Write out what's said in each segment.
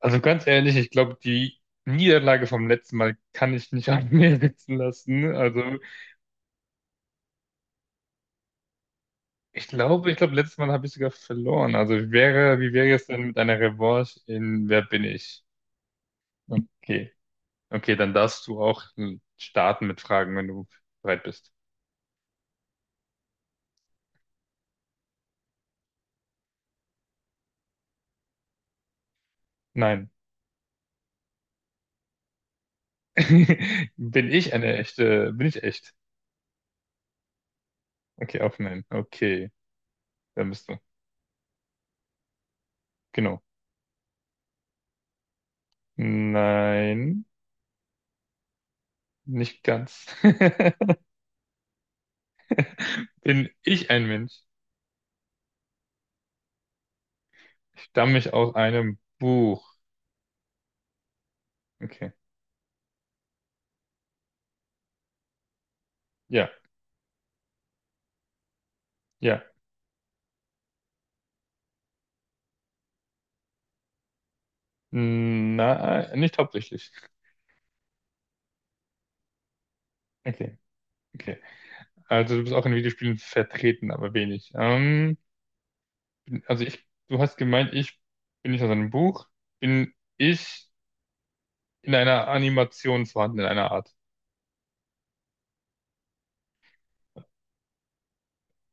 Also ganz ehrlich, ich glaube, die Niederlage vom letzten Mal kann ich nicht an mir sitzen lassen. Also ich glaube, letztes Mal habe ich sogar verloren. Also wie wäre es denn mit einer Revanche in Wer bin ich? Okay. Okay, dann darfst du auch starten mit Fragen, wenn du bereit bist. Nein. Bin ich eine echte? Bin ich echt? Okay, auf nein. Okay, dann bist du. Genau. Nein, nicht ganz. Bin ich ein Mensch? Stamme ich aus einem Buch. Okay. Ja, ja. Nein, nicht hauptsächlich. Okay, okay. Also du bist auch in Videospielen vertreten, aber wenig. Also du hast gemeint, ich bin nicht aus einem Buch, bin ich in einer Animation vorhanden, in einer Art.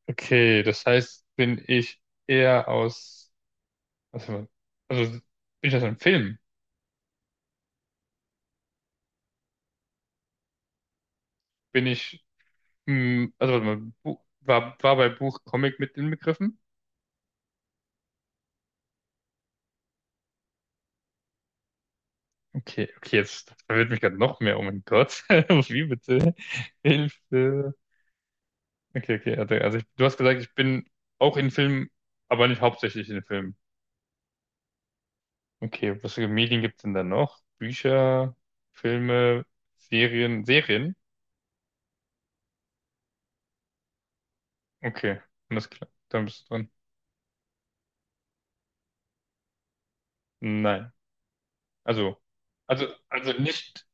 Okay, das heißt, bin ich eher aus, also, also bin ich aus einem Film? Bin ich, also warte mal, war bei Buch Comic mit inbegriffen? Okay, okay, jetzt verwirrt mich gerade noch mehr. Oh mein Gott. Wie bitte? Hilfe. Okay, okay, also du hast gesagt, ich bin auch in Filmen, aber nicht hauptsächlich in Filmen. Okay, was für Medien gibt es denn da noch? Bücher, Filme, Serien? Okay, alles klar. Dann bist du dran. Nein. Also, also nicht,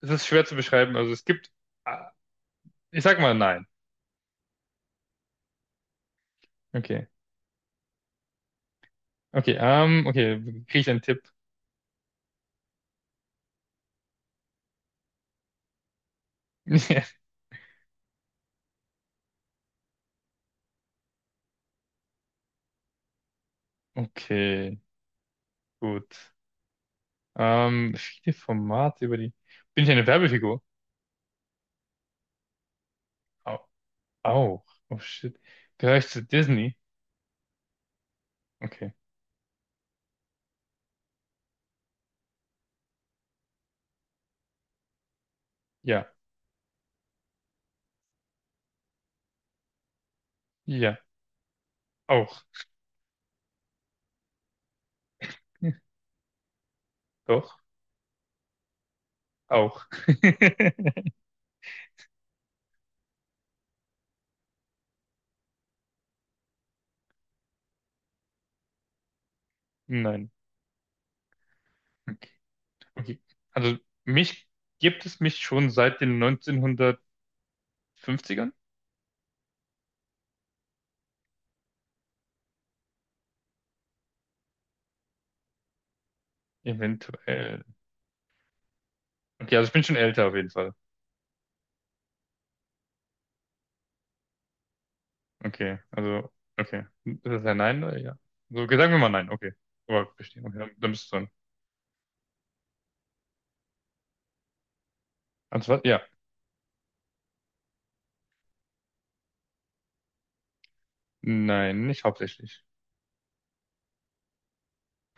es ist schwer zu beschreiben. Also es gibt, ah, ich sag mal nein. Okay. Okay, okay, kriege ich einen Tipp? Okay, gut. Viele Formate über die. Bin ich eine Werbefigur? Au- Auch. Oh shit. Gehöre ich zu Disney? Okay. Ja. Ja. Auch. Doch. Auch. Nein. Okay. Okay. Also mich gibt es mich schon seit den 1950ern? Eventuell. Okay, also ich bin schon älter auf jeden Fall. Okay. Also, okay. Ist das ein Nein oder ja? So, okay, sagen wir mal nein. Okay. Aber bestehen. Okay, dann bist du dran. Also, was? Ja. Nein, nicht hauptsächlich.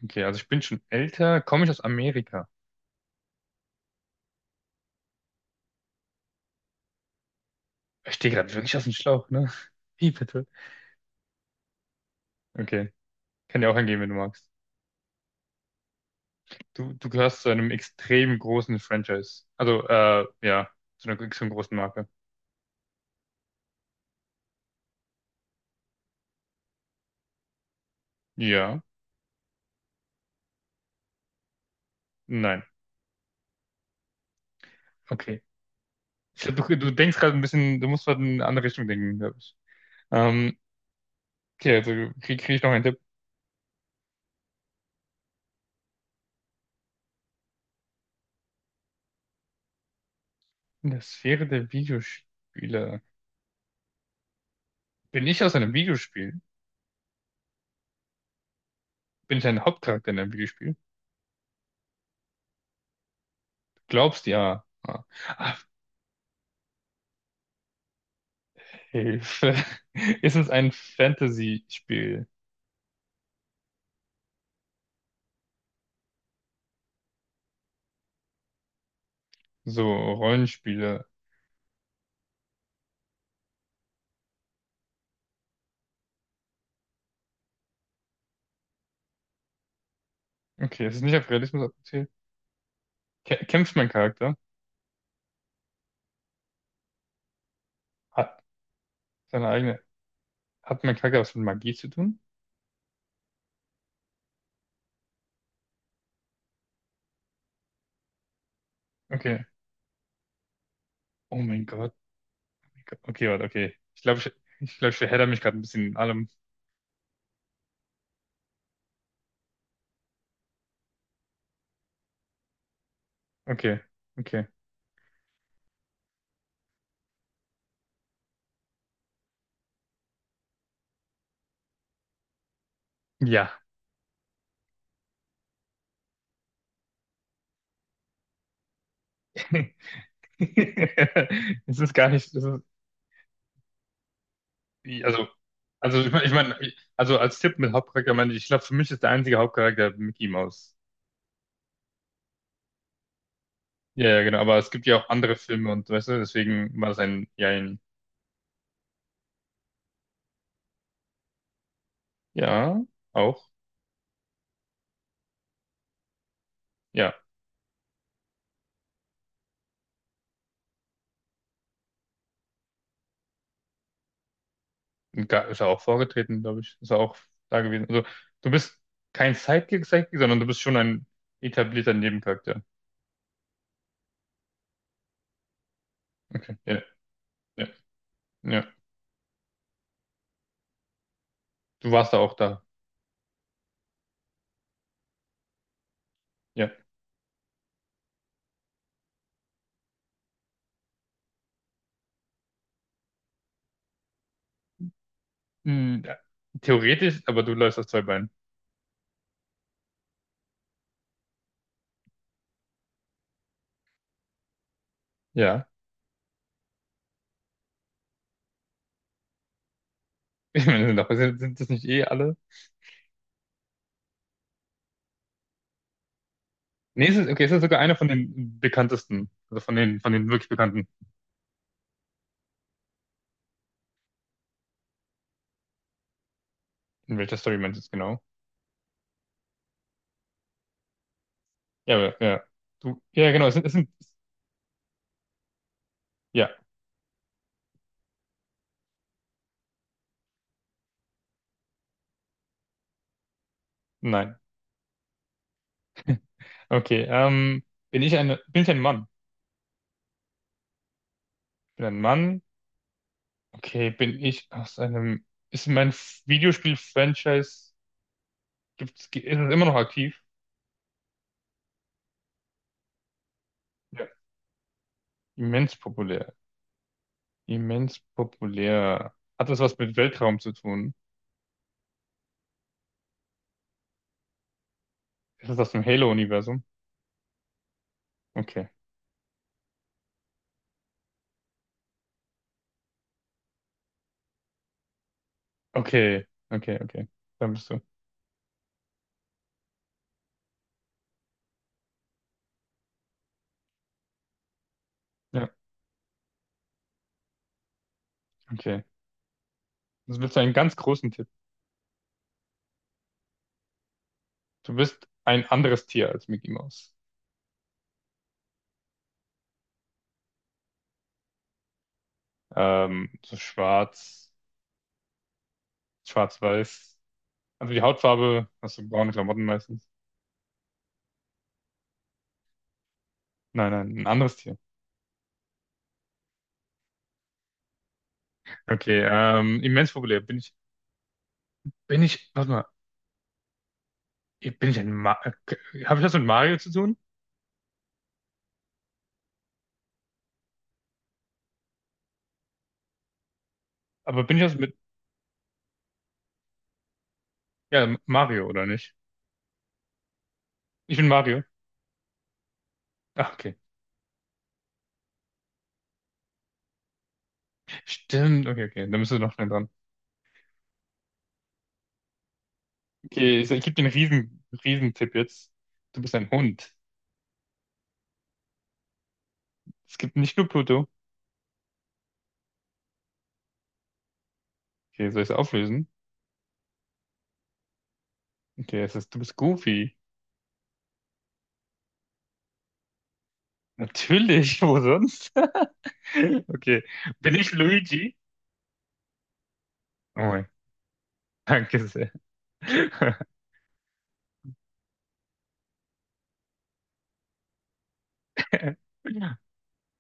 Okay, also ich bin schon älter, komme ich aus Amerika. Ich stehe gerade wirklich aus dem Schlauch, ne? Wie bitte? Okay, kann dir auch angehen, wenn du magst. Du gehörst zu einem extrem großen Franchise. Also, ja, zu einer extrem großen Marke. Ja, nein, okay. Ich glaub, du denkst gerade ein bisschen, du musst gerade in eine andere Richtung denken, glaube ich. Ähm, okay, also krieg ich noch einen Tipp. In der Sphäre der Videospiele. Bin ich aus einem Videospiel? Bin ich ein Hauptcharakter in einem Videospiel? Du glaubst ja. Ah, Hilfe. Ist es ein Fantasy-Spiel? So Rollenspiele. Okay, es ist nicht auf Realismus abgezielt. Kämpft mein Charakter? Hat seine eigene. Hat mein Charakter was mit Magie zu tun? Okay. Oh mein Gott. Okay, warte, okay. Ich glaube, ich verhedder mich gerade ein bisschen in allem. Okay, okay. Ja. Es ist gar nicht. Es ist, also, also ich mein, also als Tipp mit Hauptcharakter meine ich, ich glaube, für mich ist der einzige Hauptcharakter Mickey Mouse. Ja, ja, genau, aber es gibt ja auch andere Filme und weißt du, deswegen war das ein, ja, auch, ja, ist er auch vorgetreten, glaube ich, ist er auch da gewesen. Also, du bist kein Sidekick, sondern du bist schon ein etablierter Nebencharakter. Okay, ja, ja, ja, du warst da auch da, ja. Hm, ja. Theoretisch, aber du läufst auf zwei Beinen. Ja, ich meine, sind das nicht eh alle? Nee, es ist, okay, es ist sogar einer von den bekanntesten, also von den wirklich bekannten. In welcher Story meinst du es genau? Ja, aber, ja. Du, ja, genau. Es sind Ja, nein. Okay, bin ich ein Mann? Bin ein Mann? Okay, bin ich aus einem, ist mein Videospiel-Franchise, ist es immer noch aktiv? Ja. Immens populär. Immens populär. Hat das was mit Weltraum zu tun? Ist das aus dem Halo-Universum? Okay. Okay, okay, okay. Da bist du. Ja, okay. Das willst du einen ganz großen Tipp. Du bist ein anderes Tier als Mickey Mouse. So schwarz, schwarz-weiß. Also die Hautfarbe, hast du braune Klamotten meistens? Nein, nein, ein anderes Tier. Okay, immens populär. Warte mal, bin ich ein Ma habe ich das mit Mario zu tun? Aber bin ich das mit, ja, Mario oder nicht? Ich bin Mario. Ach, okay. Stimmt, okay, okay, dann bist du noch schnell dran. Okay, ich gebe dir einen riesen, riesen Tipp jetzt. Du bist ein Hund. Es gibt nicht nur Pluto. Okay, soll ich es auflösen? Okay, es ist, du bist Goofy. Natürlich, wo sonst? Okay, bin ich Luigi? Oh mein, danke sehr. Ja.